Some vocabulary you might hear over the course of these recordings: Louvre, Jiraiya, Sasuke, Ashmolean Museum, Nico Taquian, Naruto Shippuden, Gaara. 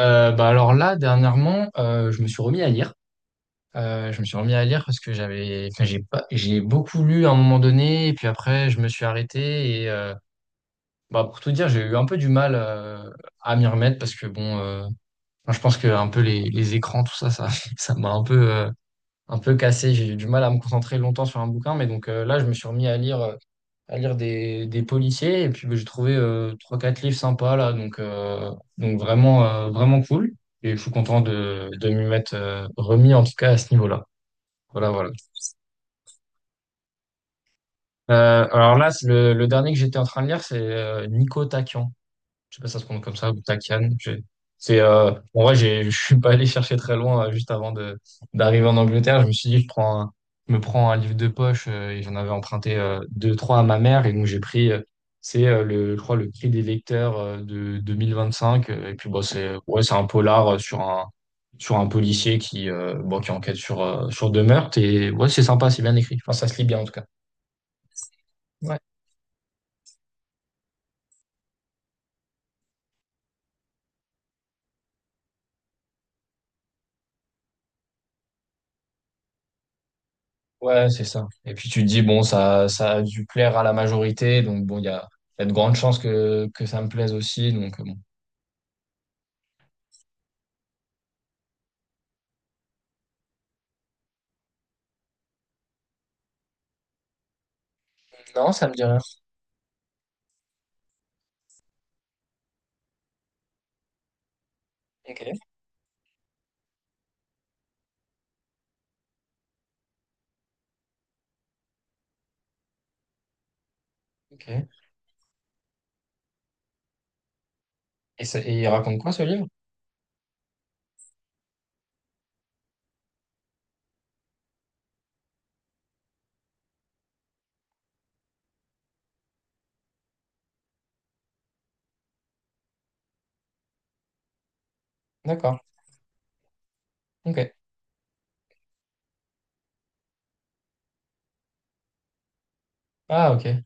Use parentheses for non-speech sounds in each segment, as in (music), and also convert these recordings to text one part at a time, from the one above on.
Bah alors là, dernièrement, je me suis remis à lire. Je me suis remis à lire parce que j'avais, enfin, j'ai pas, j'ai beaucoup lu à un moment donné, et puis après, je me suis arrêté. Bah, pour tout dire, j'ai eu un peu du mal à m'y remettre parce que bon, enfin, je pense que un peu les écrans, tout ça, (laughs) ça m'a un peu cassé. J'ai eu du mal à me concentrer longtemps sur un bouquin, mais donc là, je me suis remis à lire. À lire des policiers. Et puis, bah, j'ai trouvé trois quatre livres sympas, là. Donc vraiment, vraiment cool. Et je suis content de m'y mettre remis, en tout cas, à ce niveau-là. Voilà, voilà. Alors là, c'est le dernier que j'étais en train de lire, c'est Nico Taquian. Je sais pas, si ça se prononce comme ça, ou Takian. C'est, en vrai, (laughs) je suis pas allé chercher très loin juste avant d'arriver en Angleterre. Je me suis dit, je me prends un livre de poche et j'en avais emprunté deux, trois à ma mère. Et donc, j'ai pris, c'est le, je crois, le Cri des lecteurs de 2025. Et puis, bon, ouais, c'est un polar sur un policier qui, bon, qui enquête sur deux meurtres. Et ouais, c'est sympa, c'est bien écrit. Enfin, ça se lit bien en tout cas. Ouais. Ouais, c'est ça. Et puis tu te dis, bon, ça a dû plaire à la majorité, donc bon, il y a de grandes chances que ça me plaise aussi, donc bon. Non, ça me dit rien. Ok, ok. Et il raconte quoi ce livre? D'accord, ok. Ah, ok,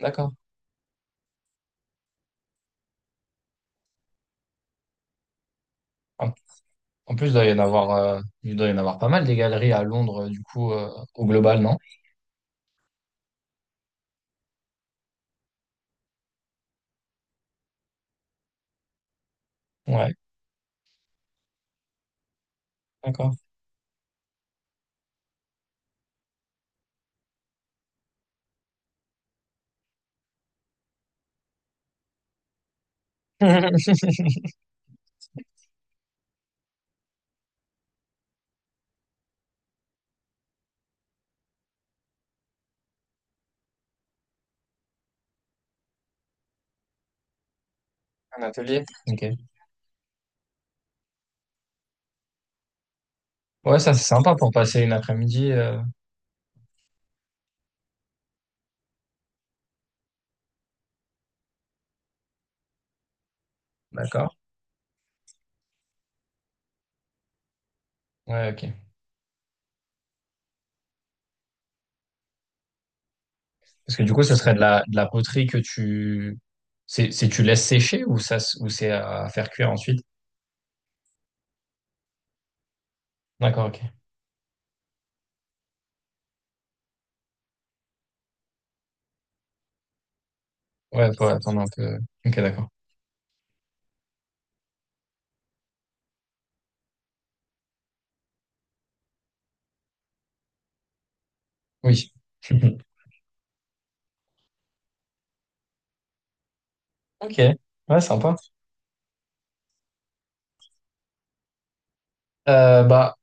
d'accord. En, en plus, il doit y en avoir, il doit y en avoir pas mal des galeries à Londres, du coup, au global, non? Ouais, d'accord. (laughs) Ok. Ouais, ça c'est sympa pour passer une après-midi. D'accord. Ouais, ok. Parce que du coup, ce serait de la poterie que tu... C'est tu laisses sécher ou ça, ou c'est à faire cuire ensuite? D'accord, ok. Ouais, faut attendre un peu. Ok, d'accord. Oui. (laughs) Ok. Ouais, sympa. Bah,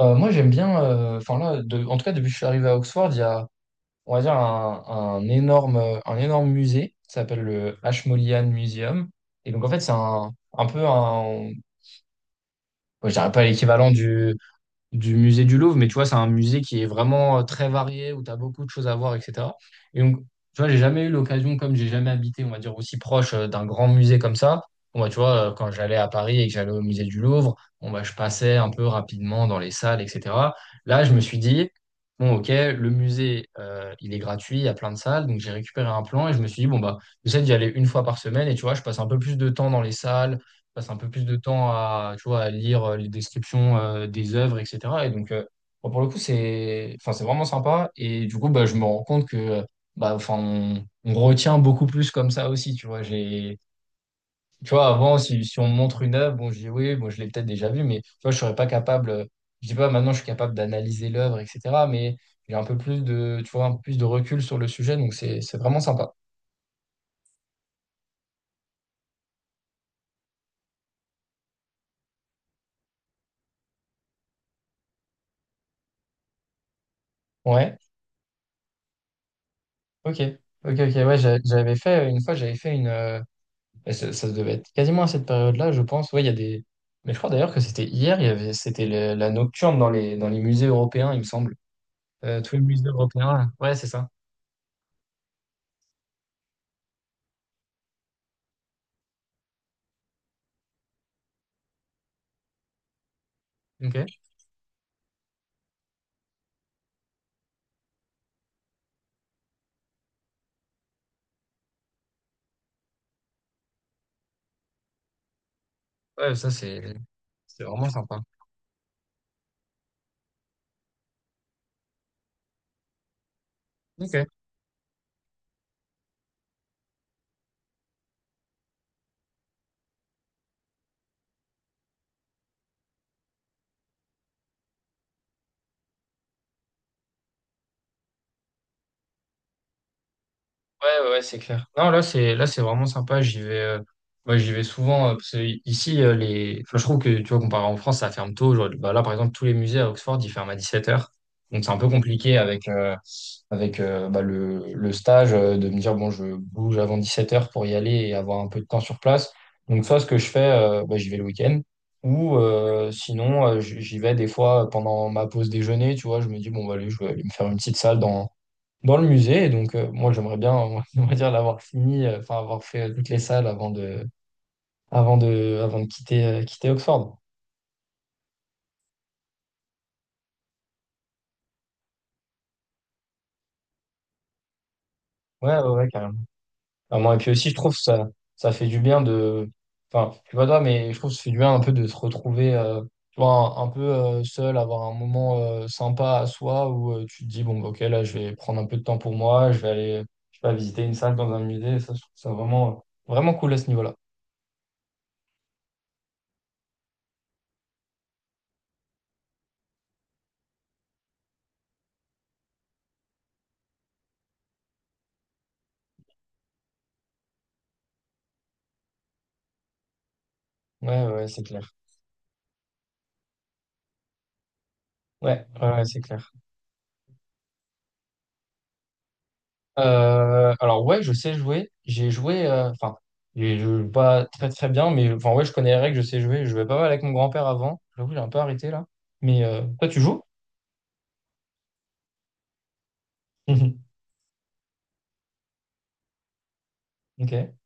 moi, j'aime bien... Enfin là, en tout cas, depuis que je suis arrivé à Oxford, il y a, on va dire, un énorme musée qui s'appelle le Ashmolean Museum. Et donc, en fait, c'est un peu un... bon, je dirais pas l'équivalent du musée du Louvre, mais tu vois, c'est un musée qui est vraiment très varié, où tu as beaucoup de choses à voir, etc. Et donc, tu vois, j'ai jamais eu l'occasion, comme j'ai jamais habité, on va dire, aussi proche d'un grand musée comme ça. Bon, bah, tu vois, quand j'allais à Paris et que j'allais au musée du Louvre, bon, bah, je passais un peu rapidement dans les salles, etc. Là, je me suis dit, bon, ok, le musée, il est gratuit, il y a plein de salles, donc j'ai récupéré un plan et je me suis dit, bon, bah, j'essaie d'y aller une fois par semaine et tu vois, je passe un peu plus de temps dans les salles, passe un peu plus de temps à, tu vois, à lire les descriptions des œuvres, etc. Et donc, bon, pour le coup, enfin, c'est vraiment sympa. Et du coup, bah, je me rends compte que, bah, enfin, on retient beaucoup plus comme ça aussi, tu vois. J'ai, tu vois, avant, si on me montre une œuvre, bon, je dis oui, bon, je l'ai peut-être déjà vue, mais tu vois, je serais pas capable. Je dis pas maintenant, je suis capable d'analyser l'œuvre, etc. Mais j'ai un peu plus de, tu vois, un peu plus de recul sur le sujet, donc c'est vraiment sympa. Ouais. Ok. Ok, ok, ouais, j'avais fait une fois, j'avais fait une, Et ça devait être quasiment à cette période-là, je pense. Ouais, il y a des. Mais je crois d'ailleurs que c'était hier, c'était la nocturne dans les musées européens, il me semble. Tous les musées européens. Là. Ouais, c'est ça. Ok. Ouais, ça, c'est vraiment sympa. Ok. Ouais, ouais, ouais, c'est clair. Non, là, c'est vraiment sympa. J'y vais, ouais, j'y vais souvent parce que ici, enfin, je trouve que tu vois, comparé en France, ça ferme tôt. Genre, bah, là, par exemple, tous les musées à Oxford, ils ferment à 17h. Donc, c'est un peu compliqué avec bah, le stage de me dire, bon, je bouge avant 17h pour y aller et avoir un peu de temps sur place. Donc, soit ce que je fais, bah, j'y vais le week-end ou sinon, j'y vais des fois pendant ma pause déjeuner. Tu vois, je me dis, bon, bah, allez, je vais aller me faire une petite salle dans le musée. Et donc, moi, j'aimerais bien, on (laughs) on va dire, l'avoir fini, enfin, avoir fait toutes les salles avant de quitter Oxford. Ouais, ouais, ouais, carrément. Vraiment. Et puis aussi, je trouve ça, ça fait du bien de, enfin, je sais pas toi, mais je trouve que ça fait du bien un peu de se retrouver, tu vois, un peu seul, avoir un moment sympa à soi où tu te dis, bon, bah, ok, là, je vais prendre un peu de temps pour moi, je vais aller, je sais pas, visiter une salle dans un musée. Ça, je trouve ça vraiment, vraiment cool à ce niveau-là. Ouais, ouais, ouais, c'est clair. Ouais, ouais, ouais, c'est clair. Alors ouais, je sais jouer. J'ai joué, enfin, je joue pas très très bien, mais enfin ouais, je connais les règles, je sais jouer. Je jouais pas mal avec mon grand-père avant. J'avoue, j'ai un peu arrêté là. Mais toi, tu joues? (laughs) Ok.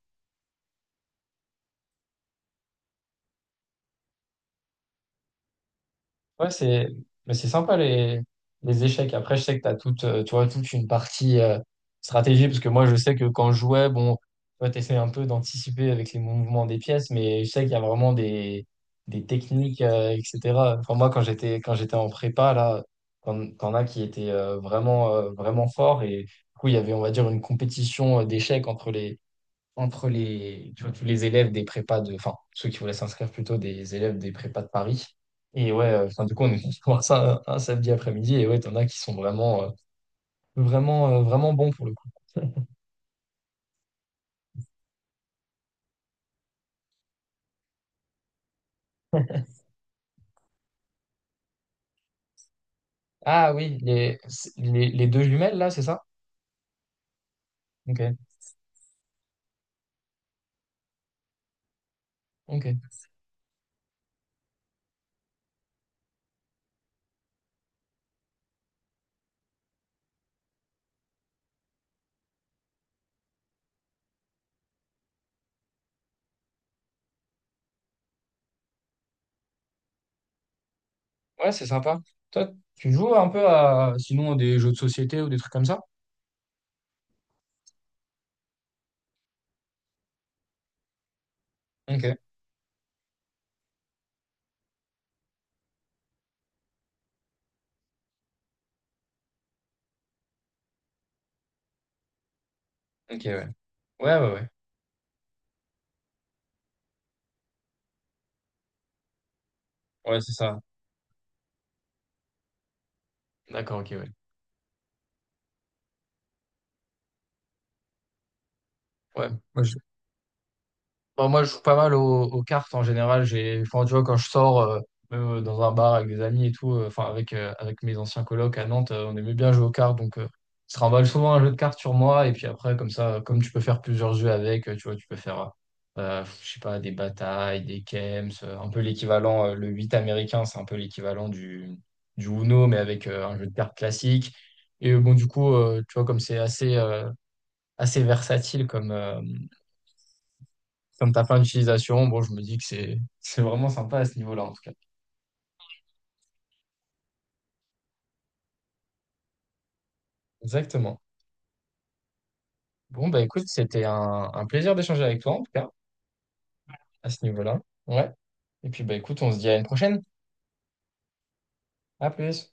Ouais, c'est mais c'est sympa les échecs. Après, je sais que tu as toute, tu vois, toute une partie stratégie, parce que moi, je sais que quand je jouais, bon, tu essaies un peu d'anticiper avec les mouvements des pièces, mais je sais qu'il y a vraiment des techniques, etc. Enfin, moi, quand j'étais en prépa, là, t'en as qui étaient vraiment, vraiment forts. Et du coup, il y avait, on va dire, une compétition d'échecs entre les, tu vois, tous les élèves des prépas de, enfin, ceux qui voulaient s'inscrire plutôt des élèves des prépas de Paris. Et ouais, enfin, du coup, on est (laughs) voir ça un samedi après-midi. Et ouais, t'en as qui sont vraiment, vraiment, vraiment bons pour le coup. Ah oui, les deux jumelles là, c'est ça? Ok, ok. Ouais, c'est sympa. Toi, tu joues un peu à, sinon, à des jeux de société ou des trucs comme ça? Ok, ok, ouais. Ouais, ouais, ouais. Ouais, c'est ça. D'accord, ok, ouais. Ouais. Moi, Bon, moi, je joue pas mal aux cartes en général. J'ai, enfin, tu vois, quand je sors même dans un bar avec des amis et tout, enfin, avec mes anciens colocs à Nantes, on aimait bien jouer aux cartes. Donc, je trimballe souvent un jeu de cartes sur moi. Et puis après, comme ça, comme tu peux faire plusieurs jeux avec, tu vois, tu peux faire, je sais pas, des batailles, des chems, un peu l'équivalent, le 8 américain, c'est un peu l'équivalent du Uno, mais avec un jeu de cartes classique. Et bon, du coup, tu vois, comme c'est assez, assez versatile Comme ta fin d'utilisation, bon, je me dis que c'est vraiment sympa à ce niveau-là, en tout cas. Exactement. Bon, bah écoute, c'était un plaisir d'échanger avec toi, en tout cas, à ce niveau-là. Ouais. Et puis, bah écoute, on se dit à une prochaine. À plus.